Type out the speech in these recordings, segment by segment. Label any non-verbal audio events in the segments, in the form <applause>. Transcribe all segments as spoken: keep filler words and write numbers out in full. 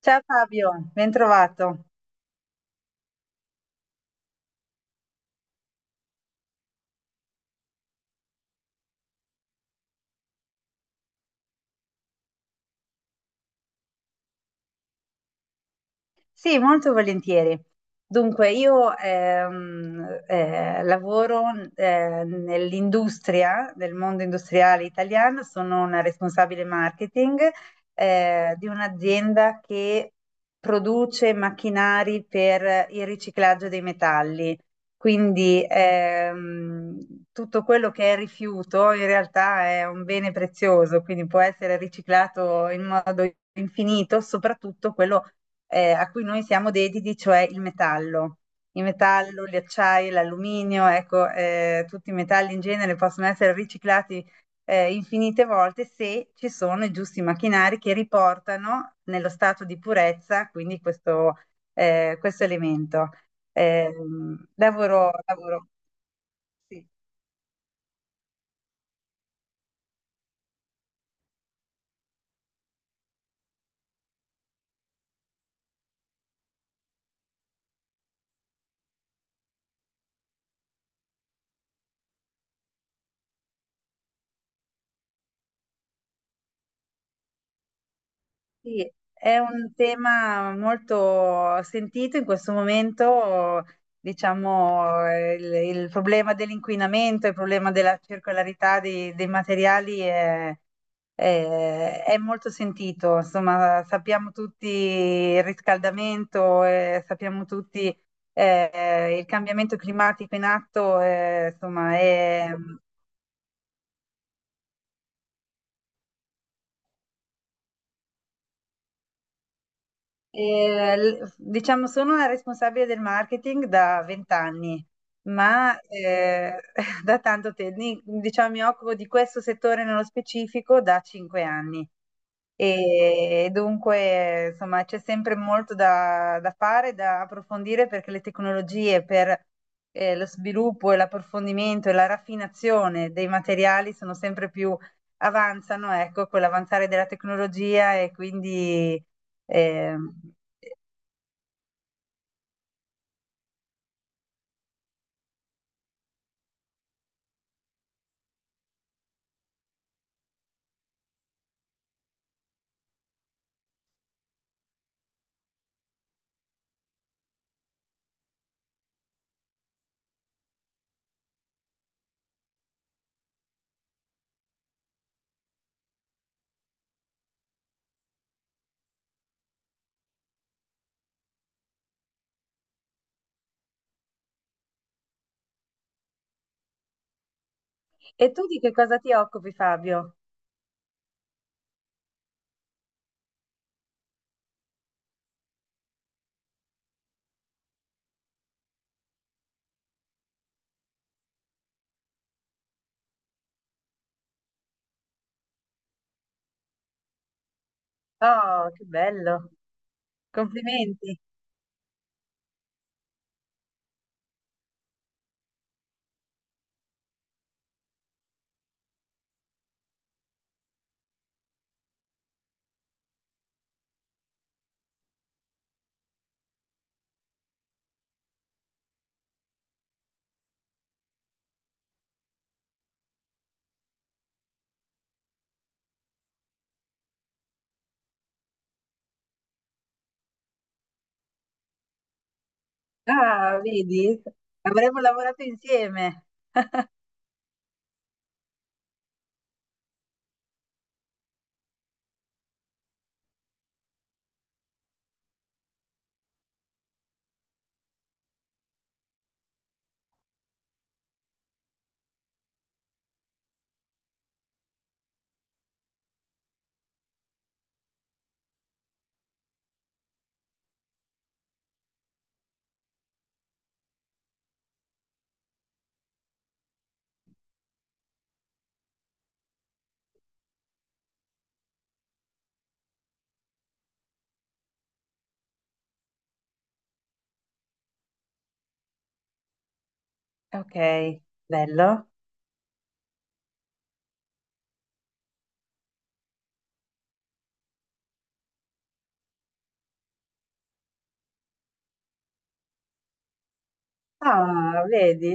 Ciao Fabio, ben trovato. Sì, molto volentieri. Dunque, io ehm, eh, lavoro eh, nell'industria, nel mondo industriale italiano, sono una responsabile marketing eh, di un'azienda che produce macchinari per il riciclaggio dei metalli. Quindi ehm, tutto quello che è rifiuto in realtà è un bene prezioso, quindi può essere riciclato in modo infinito, soprattutto quello eh, a cui noi siamo dediti, cioè il metallo. Il metallo, gli acciai, l'alluminio, ecco, eh, tutti i metalli in genere possono essere riciclati eh, infinite volte se ci sono i giusti macchinari che riportano nello stato di purezza, quindi questo, eh, questo elemento. Eh, lavoro, lavoro, sì. Sì, è un tema molto sentito in questo momento, diciamo, eh, il, il problema dell'inquinamento, il problema della circolarità dei, dei materiali è, è- è molto sentito. Insomma, sappiamo tutti il riscaldamento, eh, sappiamo tutti eh, il cambiamento climatico in atto, eh, insomma. Eh, l- diciamo, sono una responsabile del marketing da vent'anni, ma eh, <laughs> da tanto tempo, diciamo, mi occupo di questo settore nello specifico da cinque anni. E dunque, insomma, c'è sempre molto da, da fare, da approfondire perché le tecnologie per eh, lo sviluppo e l'approfondimento e la raffinazione dei materiali sono sempre più avanzano, ecco, con l'avanzare della tecnologia e quindi... ehm, E tu di che cosa ti occupi, Fabio? Oh, che bello! Complimenti! Ah, vedi? Avremmo lavorato insieme. Ok, bello. Ah, vedi?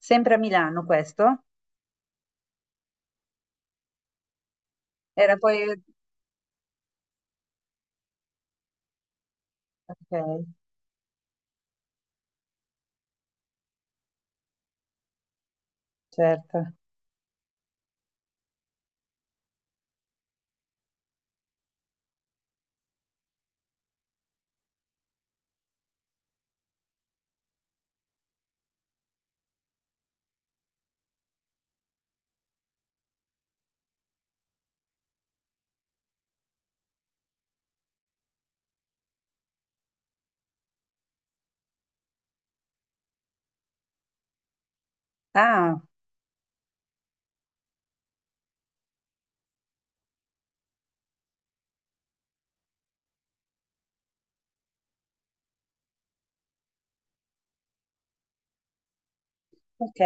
Sempre a Milano questo? Era poi... Ok, certo. Ah, ok.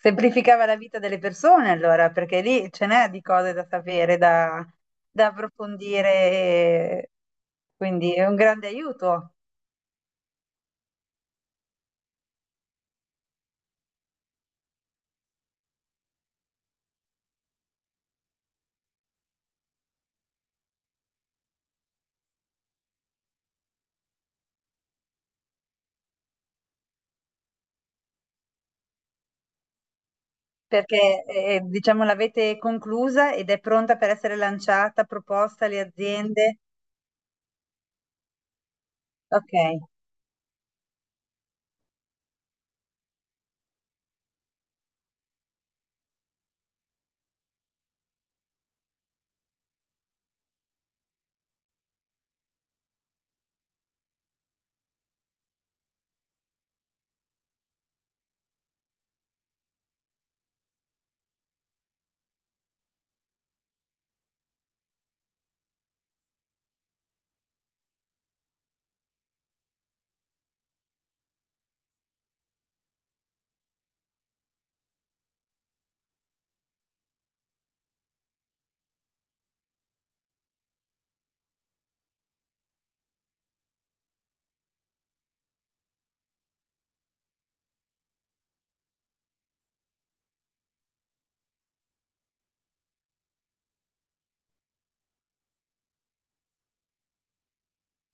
Semplificava la vita delle persone allora, perché lì ce n'è di cose da sapere, da, da approfondire, quindi è un grande aiuto. Perché, eh, diciamo, l'avete conclusa ed è pronta per essere lanciata, proposta alle aziende? Ok,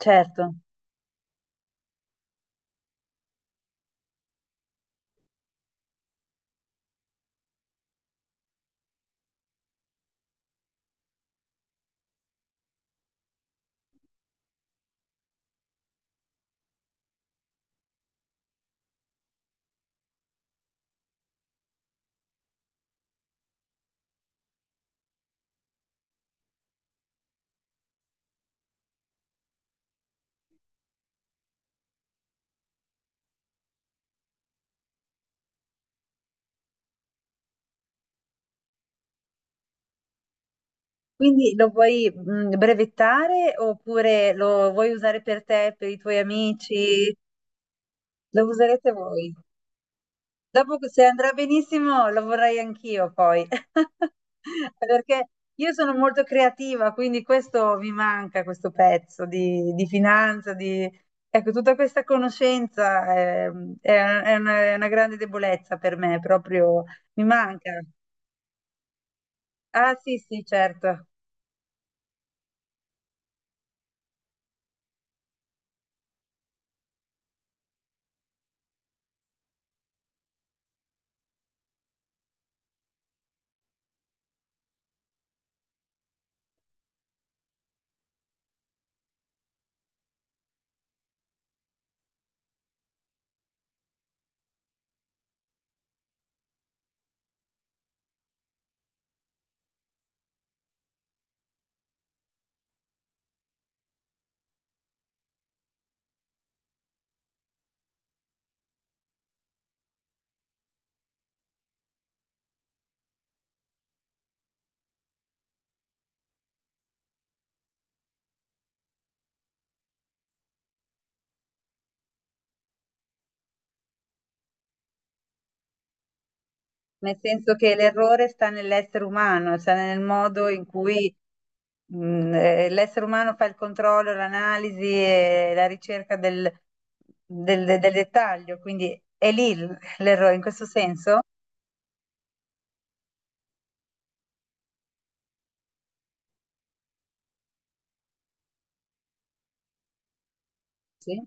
certo. Quindi lo vuoi mh, brevettare oppure lo vuoi usare per te, per i tuoi amici? Lo userete voi? Dopo che se andrà benissimo lo vorrei anch'io poi, <laughs> perché io sono molto creativa, quindi questo mi manca, questo pezzo di, di finanza, di... Ecco, tutta questa conoscenza ehm, è, è una, è una grande debolezza per me, proprio mi manca. Ah sì, sì, certo. Nel senso che l'errore sta nell'essere umano, sta nel modo in cui mh, eh, l'essere umano fa il controllo, l'analisi e la ricerca del, del- del dettaglio, quindi è lì l- l'errore in questo senso? Sì.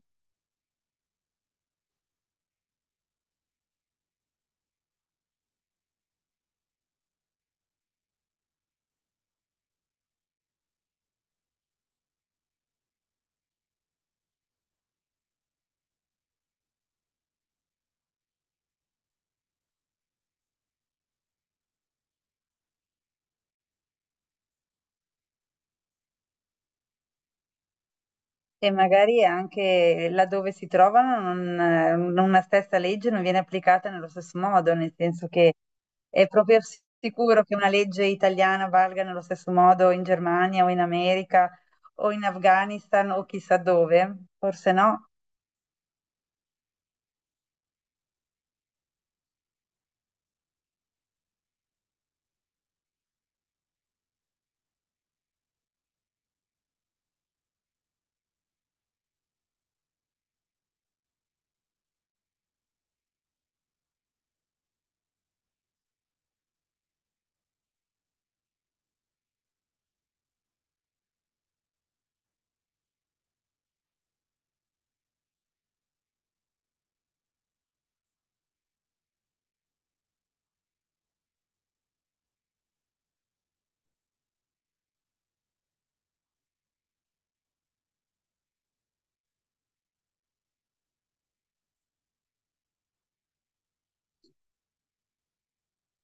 E magari anche laddove si trovano non- una stessa legge non viene applicata nello stesso modo, nel senso che è proprio sicuro che una legge italiana valga nello stesso modo in Germania o in America o in Afghanistan o chissà dove, forse no.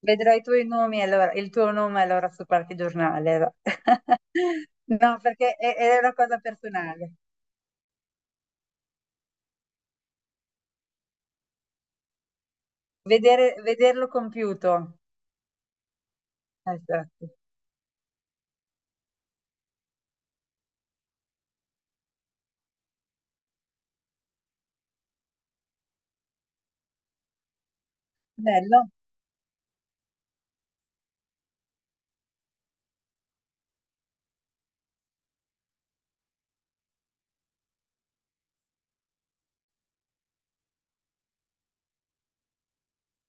Vedrò i tuoi nomi allora, il tuo nome allora su qualche giornale. <laughs> No, perché è, è una cosa personale. Vedere- vederlo compiuto. Esatto. Bello.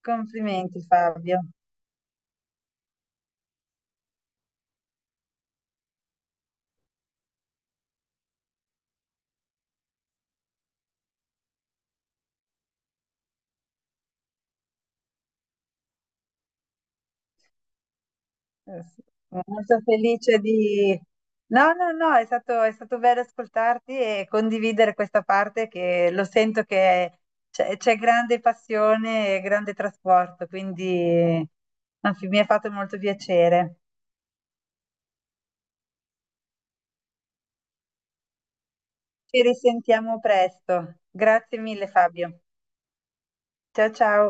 Complimenti Fabio. Eh sì, sono molto felice di... No, no, no, è stato, è stato bello ascoltarti e condividere questa parte che lo sento che c'è c'è grande passione e grande trasporto, quindi anzi, mi ha fatto molto piacere. Ci risentiamo presto. Grazie mille, Fabio. Ciao, ciao.